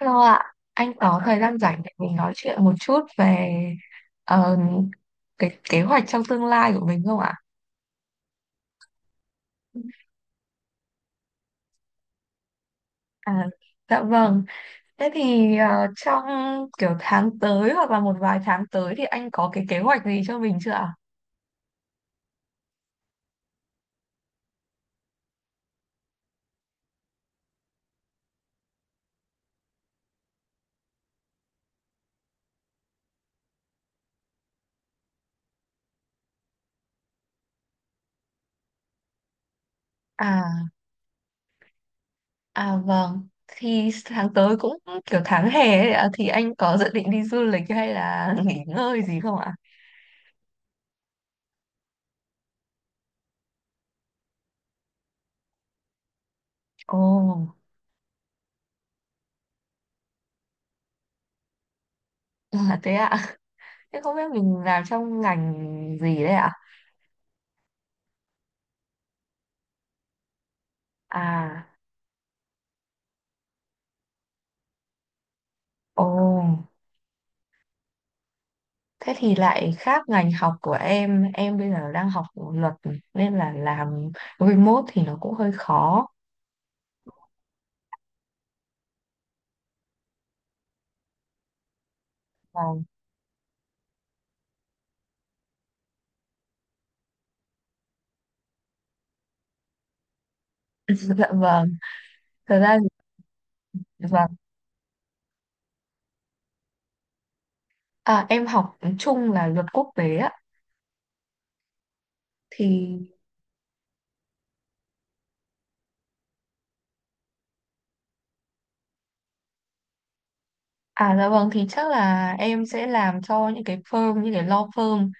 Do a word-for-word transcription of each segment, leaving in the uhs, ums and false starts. Hello ạ, anh có thời gian rảnh để mình nói chuyện một chút về ờ, cái kế hoạch trong tương lai của mình không ạ? À, dạ vâng. Thế thì ờ, trong kiểu tháng tới hoặc là một vài tháng tới thì anh có cái kế hoạch gì cho mình chưa ạ? À, à vâng. Thì tháng tới cũng kiểu tháng hè ấy ạ, thì anh có dự định đi du lịch hay là nghỉ ngơi gì không ạ? Ồ, à, thế ạ. Thế không biết mình làm trong ngành gì đấy ạ? À, ồ. Thế thì lại khác ngành học của em, em bây giờ đang học luật nên là làm remote thì nó cũng hơi khó. Vâng. Dạ vâng, thật ra thì- vâng. À, em học chung là luật quốc tế á thì à dạ vâng thì chắc là em sẽ làm cho những cái firm như cái law firm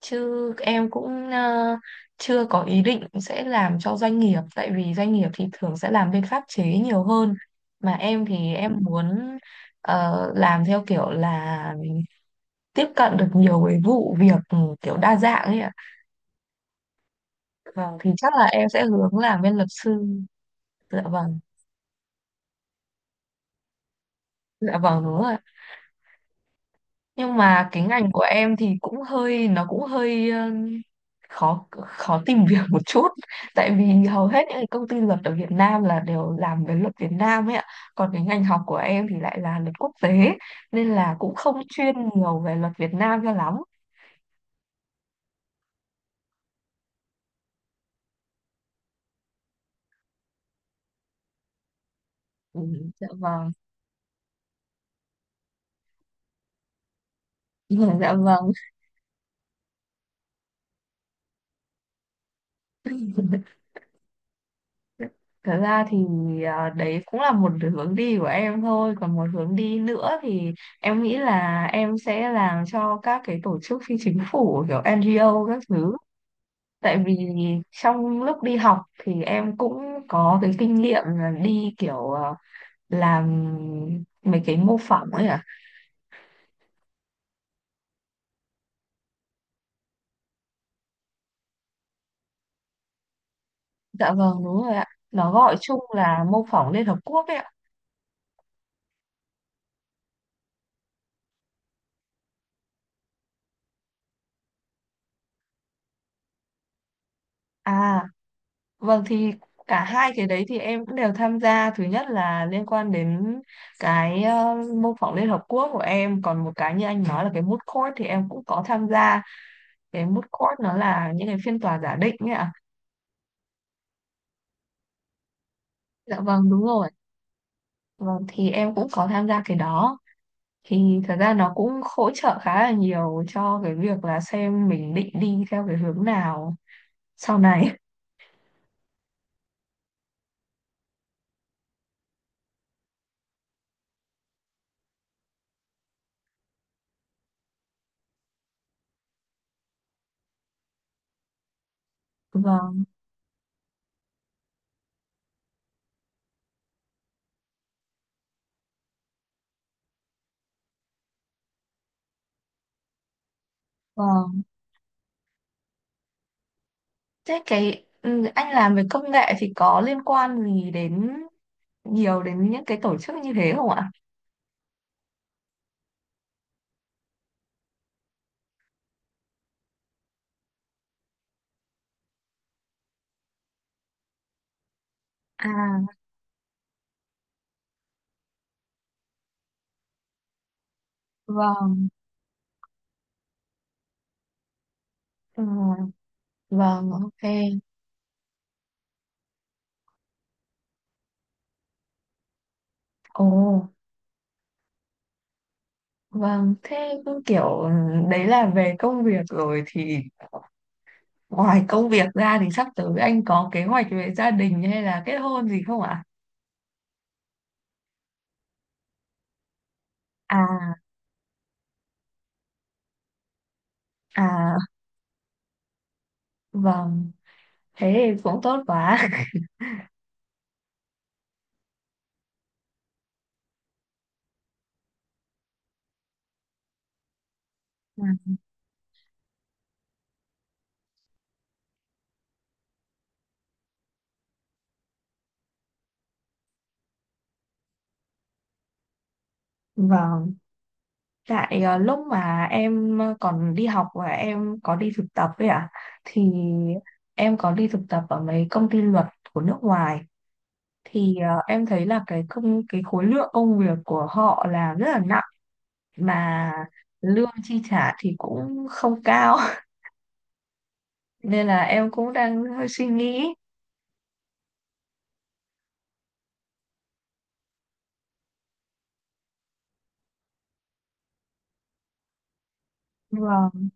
chứ em cũng ờ, chưa có ý định sẽ làm cho doanh nghiệp tại vì doanh nghiệp thì thường sẽ làm bên pháp chế nhiều hơn mà em thì em muốn ờ, làm theo kiểu là tiếp cận được nhiều cái vụ việc ừ, kiểu đa dạng ấy ạ. Vâng, thì chắc là em sẽ hướng làm bên luật sư. Dạ vâng, dạ vâng đúng rồi. Nhưng mà cái ngành của em thì cũng hơi nó cũng hơi ờ, khó khó tìm việc một chút tại vì hầu hết những cái công ty luật ở Việt Nam là đều làm về luật Việt Nam ấy ạ. Còn cái ngành học của em thì lại là luật quốc tế nên là cũng không chuyên nhiều về luật Việt Nam cho lắm. Ừ, dạ vâng. Dạ vâng. Thật ra thì à, đấy cũng là một hướng đi của em thôi. Còn một hướng đi nữa thì em nghĩ là em sẽ làm cho các cái tổ chức phi chính phủ kiểu en gi ô các thứ. Tại vì trong lúc đi học thì em cũng có cái kinh nghiệm là đi kiểu à, làm mấy cái mô phỏng ấy ạ. Dạ vâng, đúng rồi ạ. Nó gọi chung là mô phỏng Liên Hợp Quốc ấy ạ. À, vâng thì cả hai cái đấy thì em cũng đều tham gia. Thứ nhất là liên quan đến cái ờ, mô phỏng Liên Hợp Quốc của em. Còn một cái như anh nói là cái moot court thì em cũng có tham gia. Cái moot court nó là những cái phiên tòa giả định ấy ạ. Dạ vâng đúng rồi. Vâng thì em cũng có tham gia cái đó. Thì thật ra nó cũng hỗ trợ khá là nhiều cho cái việc là xem mình định đi theo cái hướng nào sau này. Vâng, vâng. Thế cái ừ, anh làm về công nghệ thì có liên quan gì đến nhiều đến những cái tổ chức như thế không ạ? À, vâng, ừ, vâng, ok. Ồ, vâng, thế cứ kiểu ừ, đấy là về công việc rồi thì ngoài công việc ra thì sắp tới anh có kế hoạch về gia đình hay là kết hôn gì không ạ? À, à, vâng, thế thì cũng tốt quá. Ừ, vâng, tại ờ, lúc mà em ờ, còn đi học và em có đi thực tập ấy ạ, thì em có đi thực tập ở mấy công ty luật của nước ngoài thì ờ, em thấy là cái công cái khối lượng công việc của họ là rất là nặng mà lương chi trả thì cũng không cao nên là em cũng đang hơi suy nghĩ vâng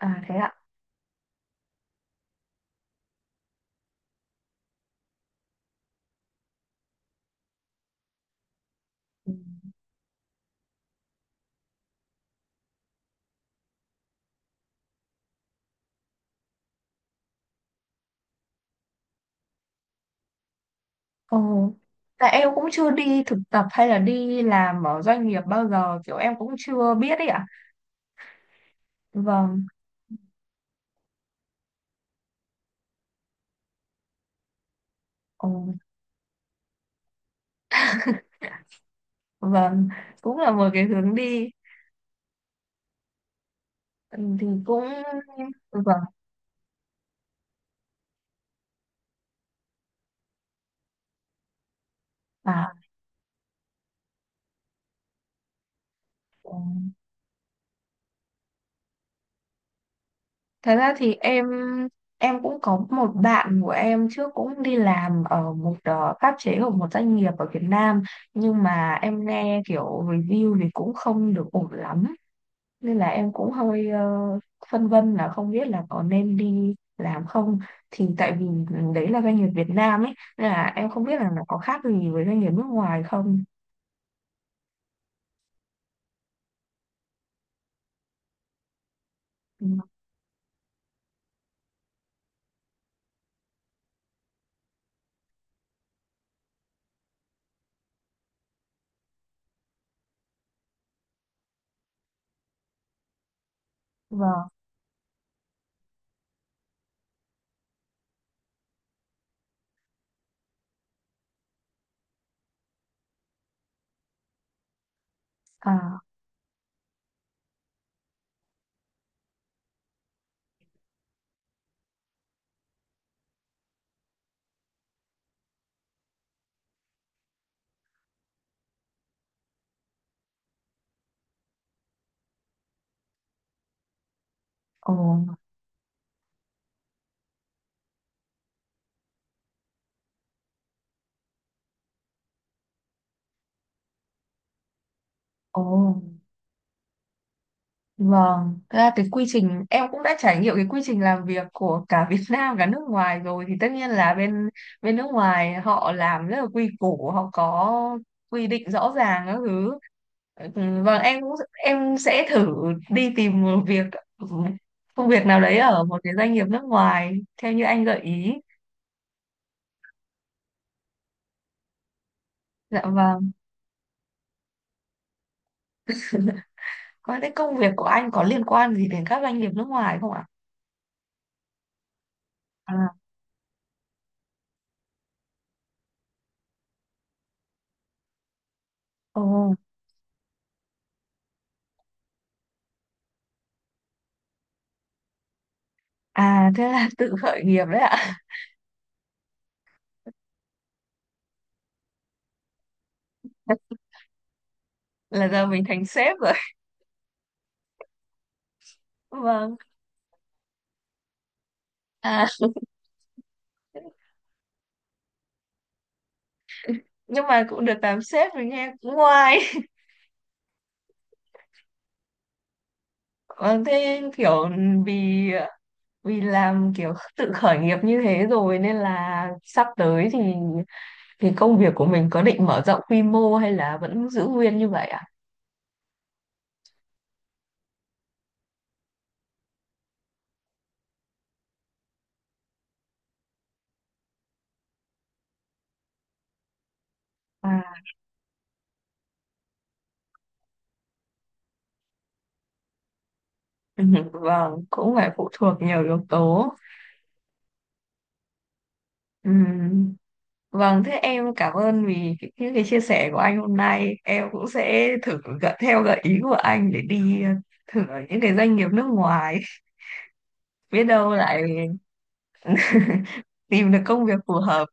à thế ạ Ừ. Ồ tại em cũng chưa đi thực tập hay là đi làm ở doanh nghiệp bao giờ kiểu em cũng chưa biết ấy ạ vâng ồ vâng cũng là một cái hướng đi. Ừ, thì cũng vâng à ừ. Thật ra thì em em cũng có một bạn của em trước cũng đi làm ở một ờ, pháp chế của một doanh nghiệp ở Việt Nam nhưng mà em nghe kiểu review thì cũng không được ổn lắm nên là em cũng hơi ờ, phân vân là không biết là có nên đi làm không thì tại vì đấy là doanh nghiệp Việt Nam ấy nên là em không biết là nó có khác gì với doanh nghiệp nước ngoài không. Ừ, vâng. À, ồ, ồ. Vâng, thật ra cái quy trình em cũng đã trải nghiệm cái quy trình làm việc của cả Việt Nam cả nước ngoài rồi thì tất nhiên là bên bên nước ngoài họ làm rất là quy củ, họ có quy định rõ ràng các thứ. Ừ, vâng, em cũng em sẽ thử đi tìm một việc công việc nào đấy ở một cái doanh nghiệp nước ngoài theo như anh gợi ý. Dạ vâng. Có cái công việc của anh có liên quan gì đến các doanh nghiệp nước ngoài không ạ? À, ồ, à thế là tự khởi nghiệp đấy ạ. Là giờ mình thành sếp rồi. Vâng. À, nhưng mà cũng được làm sếp rồi nghe cũng ngoai. Vâng thế kiểu vì vì làm kiểu tự khởi nghiệp như thế rồi nên là sắp tới thì thì công việc của mình có định mở rộng quy mô hay là vẫn giữ nguyên như vậy ạ? À? Vâng cũng phải phụ thuộc nhiều yếu tố. Ừm, vâng thế em cảm ơn vì cái- những cái chia sẻ của anh hôm nay em cũng sẽ thử gợi theo gợi ý của anh để đi ờ, thử ở những cái doanh nghiệp nước ngoài biết đâu lại tìm được công việc phù hợp.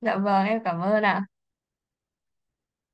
Dạ vâng em cảm ơn ạ.